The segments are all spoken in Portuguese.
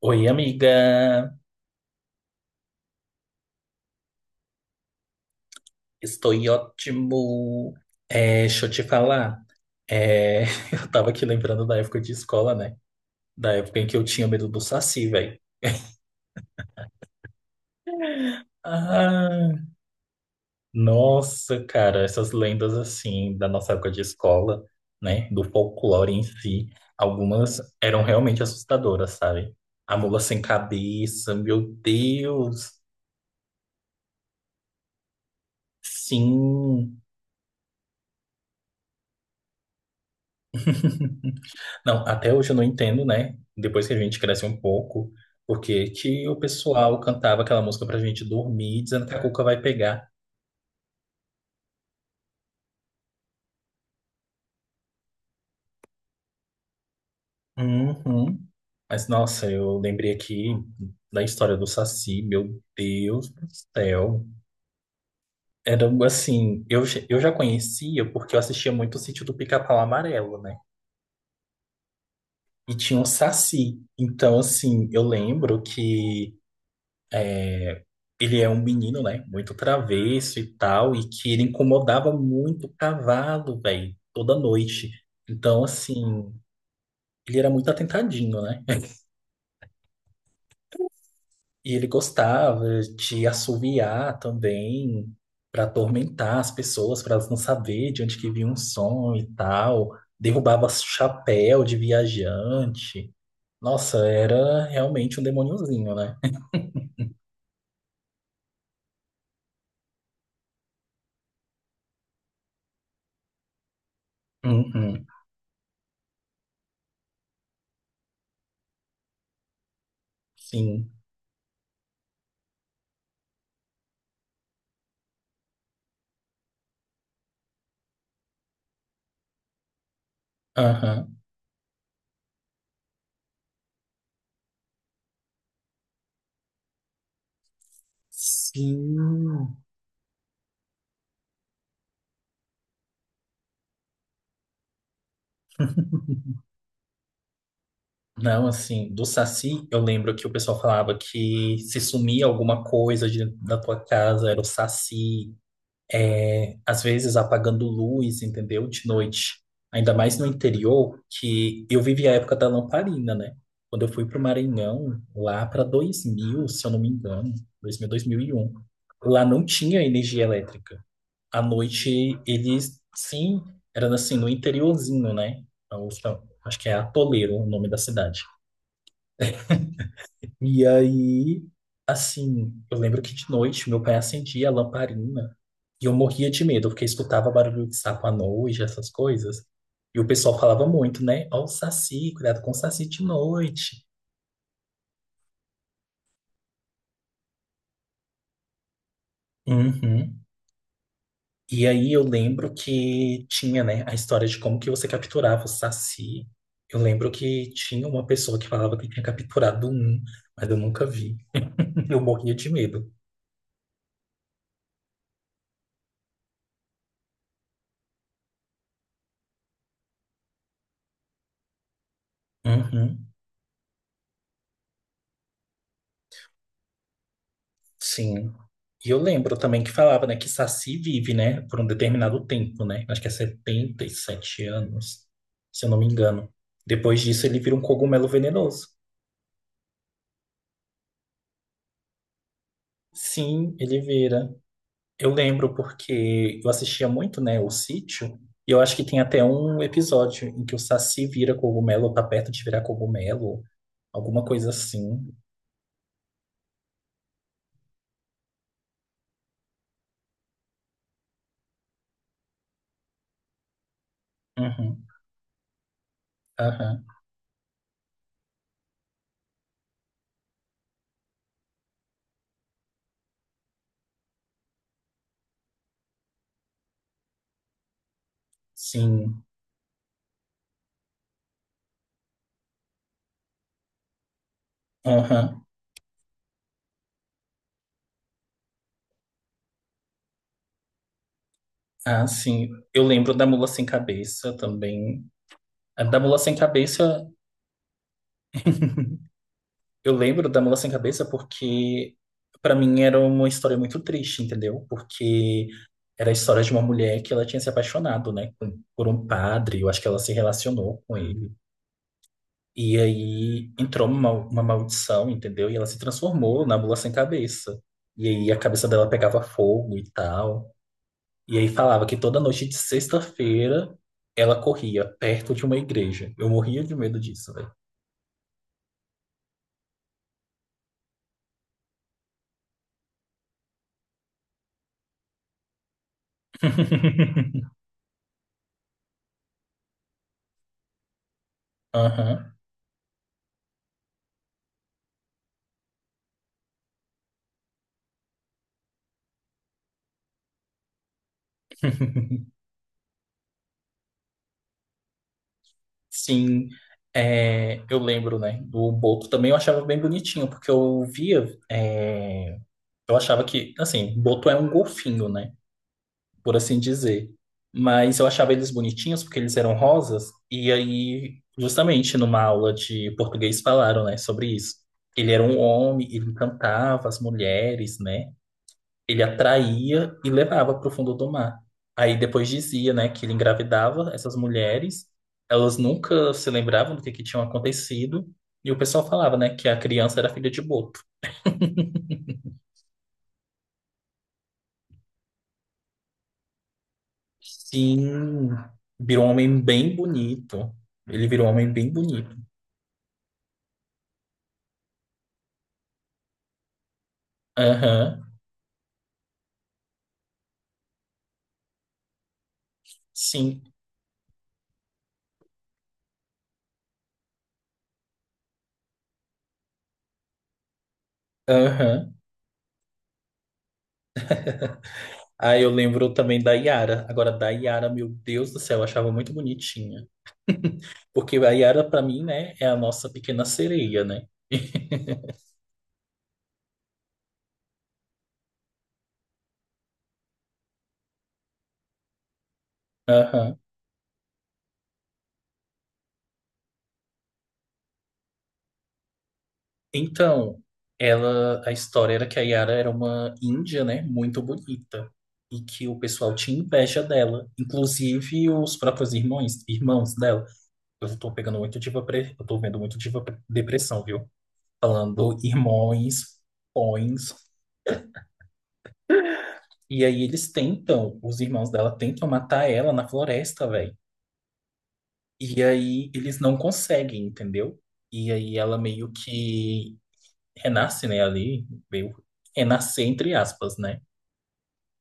Oi, amiga. Estou ótimo. Deixa eu te falar. É, eu tava aqui lembrando da época de escola, né? Da época em que eu tinha medo do Saci, velho. Ah, nossa, cara, essas lendas assim da nossa época de escola, né? Do folclore em si, algumas eram realmente assustadoras, sabe? A mula sem cabeça, meu Deus. Sim. Não, até hoje eu não entendo, né? Depois que a gente cresce um pouco, porque que o pessoal cantava aquela música pra gente dormir, dizendo que a cuca vai pegar. Uhum. Mas, nossa, eu lembrei aqui da história do Saci, meu Deus do céu. Era assim, eu já conhecia porque eu assistia muito o Sítio do Pica-Pau Amarelo, né? E tinha um Saci. Então, assim, eu lembro que é, ele é um menino, né? Muito travesso e tal, e que ele incomodava muito o cavalo, velho, toda noite. Então, assim, ele era muito atentadinho, né? E ele gostava de assoviar também, para atormentar as pessoas, para elas não saber de onde que vinha um som e tal. Derrubava chapéu de viajante. Nossa, era realmente um demôniozinho, né? Uhum, sim. Aham. Sim. Não, assim, do Saci, eu lembro que o pessoal falava que se sumia alguma coisa de- da tua casa, era o Saci, é, às vezes apagando luz, entendeu? De noite. Ainda mais no interior, que eu vivi a época da lamparina, né? Quando eu fui para o Maranhão, lá para 2000, se eu não me engano, 2000, 2001, lá não tinha energia elétrica. À noite, eles, sim, era assim, no interiorzinho, né? Então, acho que é Atoleiro o nome da cidade. E aí, assim, eu lembro que de noite meu pai acendia a lamparina e eu morria de medo, porque eu escutava barulho de sapo à noite, essas coisas. E o pessoal falava muito, né? Ó, o saci, cuidado com o saci de noite. Uhum. E aí eu lembro que tinha, né, a história de como que você capturava o saci. Eu lembro que tinha uma pessoa que falava que tinha capturado um, mas eu nunca vi. Eu morria de medo. Uhum. Sim. E eu lembro também que falava, né, que Saci vive, né, por um determinado tempo, né? Acho que é 77 anos, se eu não me engano. Depois disso, ele vira um cogumelo venenoso. Sim, ele vira. Eu lembro porque eu assistia muito, né, O Sítio, e eu acho que tem até um episódio em que o Saci vira cogumelo, ou tá perto de virar cogumelo, alguma coisa assim. Uhum, aham, sim, aham. Ah, sim. Eu lembro da Mula Sem Cabeça também. A da Mula Sem Cabeça, eu lembro da Mula Sem Cabeça porque, pra mim, era uma história muito triste, entendeu? Porque era a história de uma mulher que ela tinha se apaixonado, né, com- por um padre. Eu acho que ela se relacionou com ele. E aí entrou uma maldição, entendeu? E ela se transformou na Mula Sem Cabeça. E aí a cabeça dela pegava fogo e tal. E aí falava que toda noite de sexta-feira ela corria perto de uma igreja. Eu morria de medo disso, velho. Aham. Sim, é, eu lembro, né, do Boto também eu achava bem bonitinho, porque eu via, é, eu achava que, assim, Boto é um golfinho, né, por assim dizer, mas eu achava eles bonitinhos porque eles eram rosas, e aí, justamente numa aula de português falaram, né, sobre isso. Ele era um homem, ele encantava as mulheres, né, ele atraía e levava para o fundo do mar. Aí depois dizia, né, que ele engravidava essas mulheres, elas nunca se lembravam que tinha acontecido, e o pessoal falava, né, que a criança era filha de Boto. Sim, virou um homem bem bonito. Ele virou um homem bem bonito. Aham, sim, aham. Aí eu lembro também da Yara. Agora, da Yara, meu Deus do céu, eu achava muito bonitinha. Porque a Yara, pra mim, né, é a nossa pequena sereia, né? Aham. Então, ela, a história era que a Yara era uma índia, né, muito bonita, e que o pessoal tinha inveja dela, inclusive os próprios irmãos, irmãos dela. Eu tô pegando eu tô vendo muito diva pre- depressão, viu? Falando irmãos, pões. E aí eles tentam, os irmãos dela tentam matar ela na floresta, velho. E aí eles não conseguem, entendeu? E aí ela meio que renasce, né, ali, meio renascer entre aspas, né?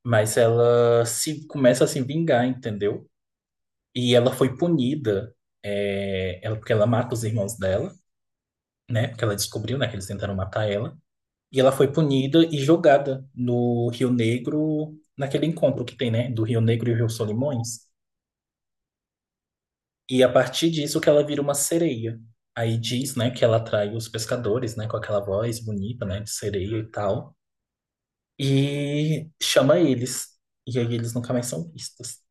Mas ela se começa a se vingar, entendeu? E ela foi punida, é, ela, porque ela mata os irmãos dela, né? Porque ela descobriu, né, que eles tentaram matar ela. E ela foi punida e jogada no Rio Negro, naquele encontro que tem, né? Do Rio Negro e o Rio Solimões. E a partir disso que ela vira uma sereia. Aí diz, né, que ela atrai os pescadores, né, com aquela voz bonita, né, de sereia e tal. E chama eles. E aí eles nunca mais são vistos.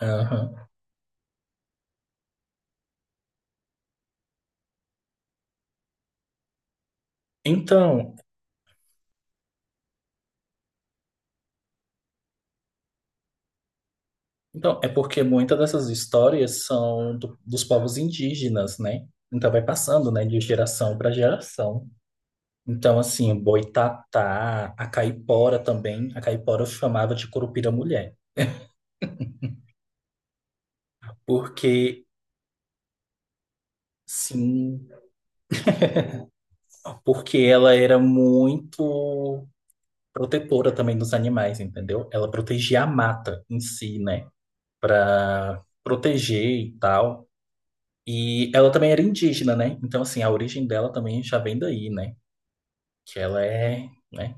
Aham. Então, Então, é porque muitas dessas histórias são dos povos indígenas, né? Então vai passando, né, de geração para geração. Então, assim, o Boitatá, a caipora também, a caipora eu chamava de Curupira Mulher, porque sim, porque ela era muito protetora também dos animais, entendeu? Ela protegia a mata em si, né, para proteger e tal. E ela também era indígena, né? Então, assim, a origem dela também já vem daí, né? Que ela é, né,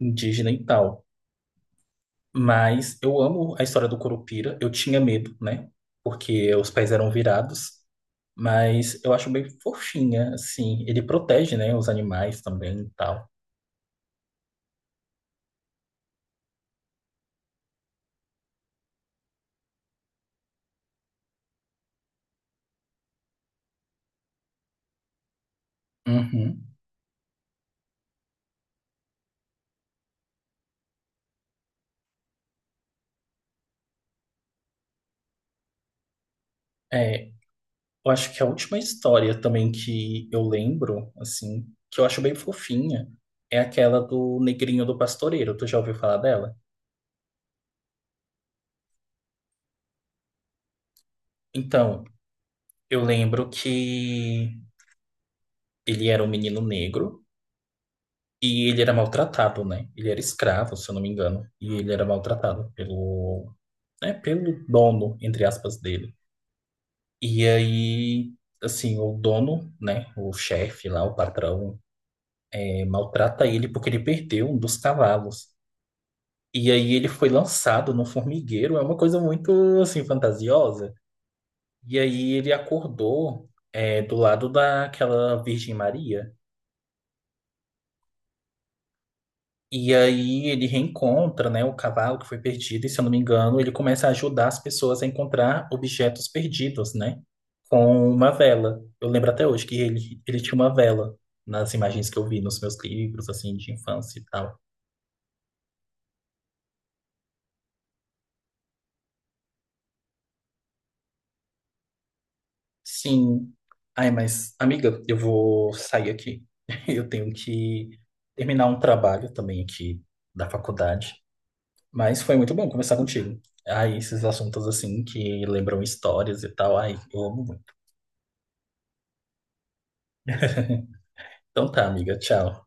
indígena e tal. Mas eu amo a história do Curupira. Eu tinha medo, né? Porque os pés eram virados. Mas eu acho bem fofinha, assim. Ele protege, né, os animais também e tal. Uhum. É, eu acho que a última história também que eu lembro, assim, que eu acho bem fofinha, é aquela do Negrinho do Pastoreiro. Tu já ouviu falar dela? Então, eu lembro que ele era um menino negro. E ele era maltratado, né? Ele era escravo, se eu não me engano. E ele era maltratado pelo, né, pelo dono, entre aspas, dele. E aí, assim, o dono, né? O chefe lá, o patrão, eh, maltrata ele porque ele perdeu um dos cavalos. E aí ele foi lançado no formigueiro. É uma coisa muito, assim, fantasiosa. E aí ele acordou, eh, do lado daquela Virgem Maria. E aí ele reencontra, né, o cavalo que foi perdido, e se eu não me engano, ele começa a ajudar as pessoas a encontrar objetos perdidos, né, com uma vela. Eu lembro até hoje que ele tinha uma vela nas imagens que eu vi nos meus livros, assim, de infância e tal. Sim. Ai, mas, amiga, eu vou sair aqui. Eu tenho que terminar um trabalho também aqui da faculdade. Mas foi muito bom conversar contigo. Ai, esses assuntos, assim, que lembram histórias e tal. Ai, eu amo muito. Então tá, amiga. Tchau.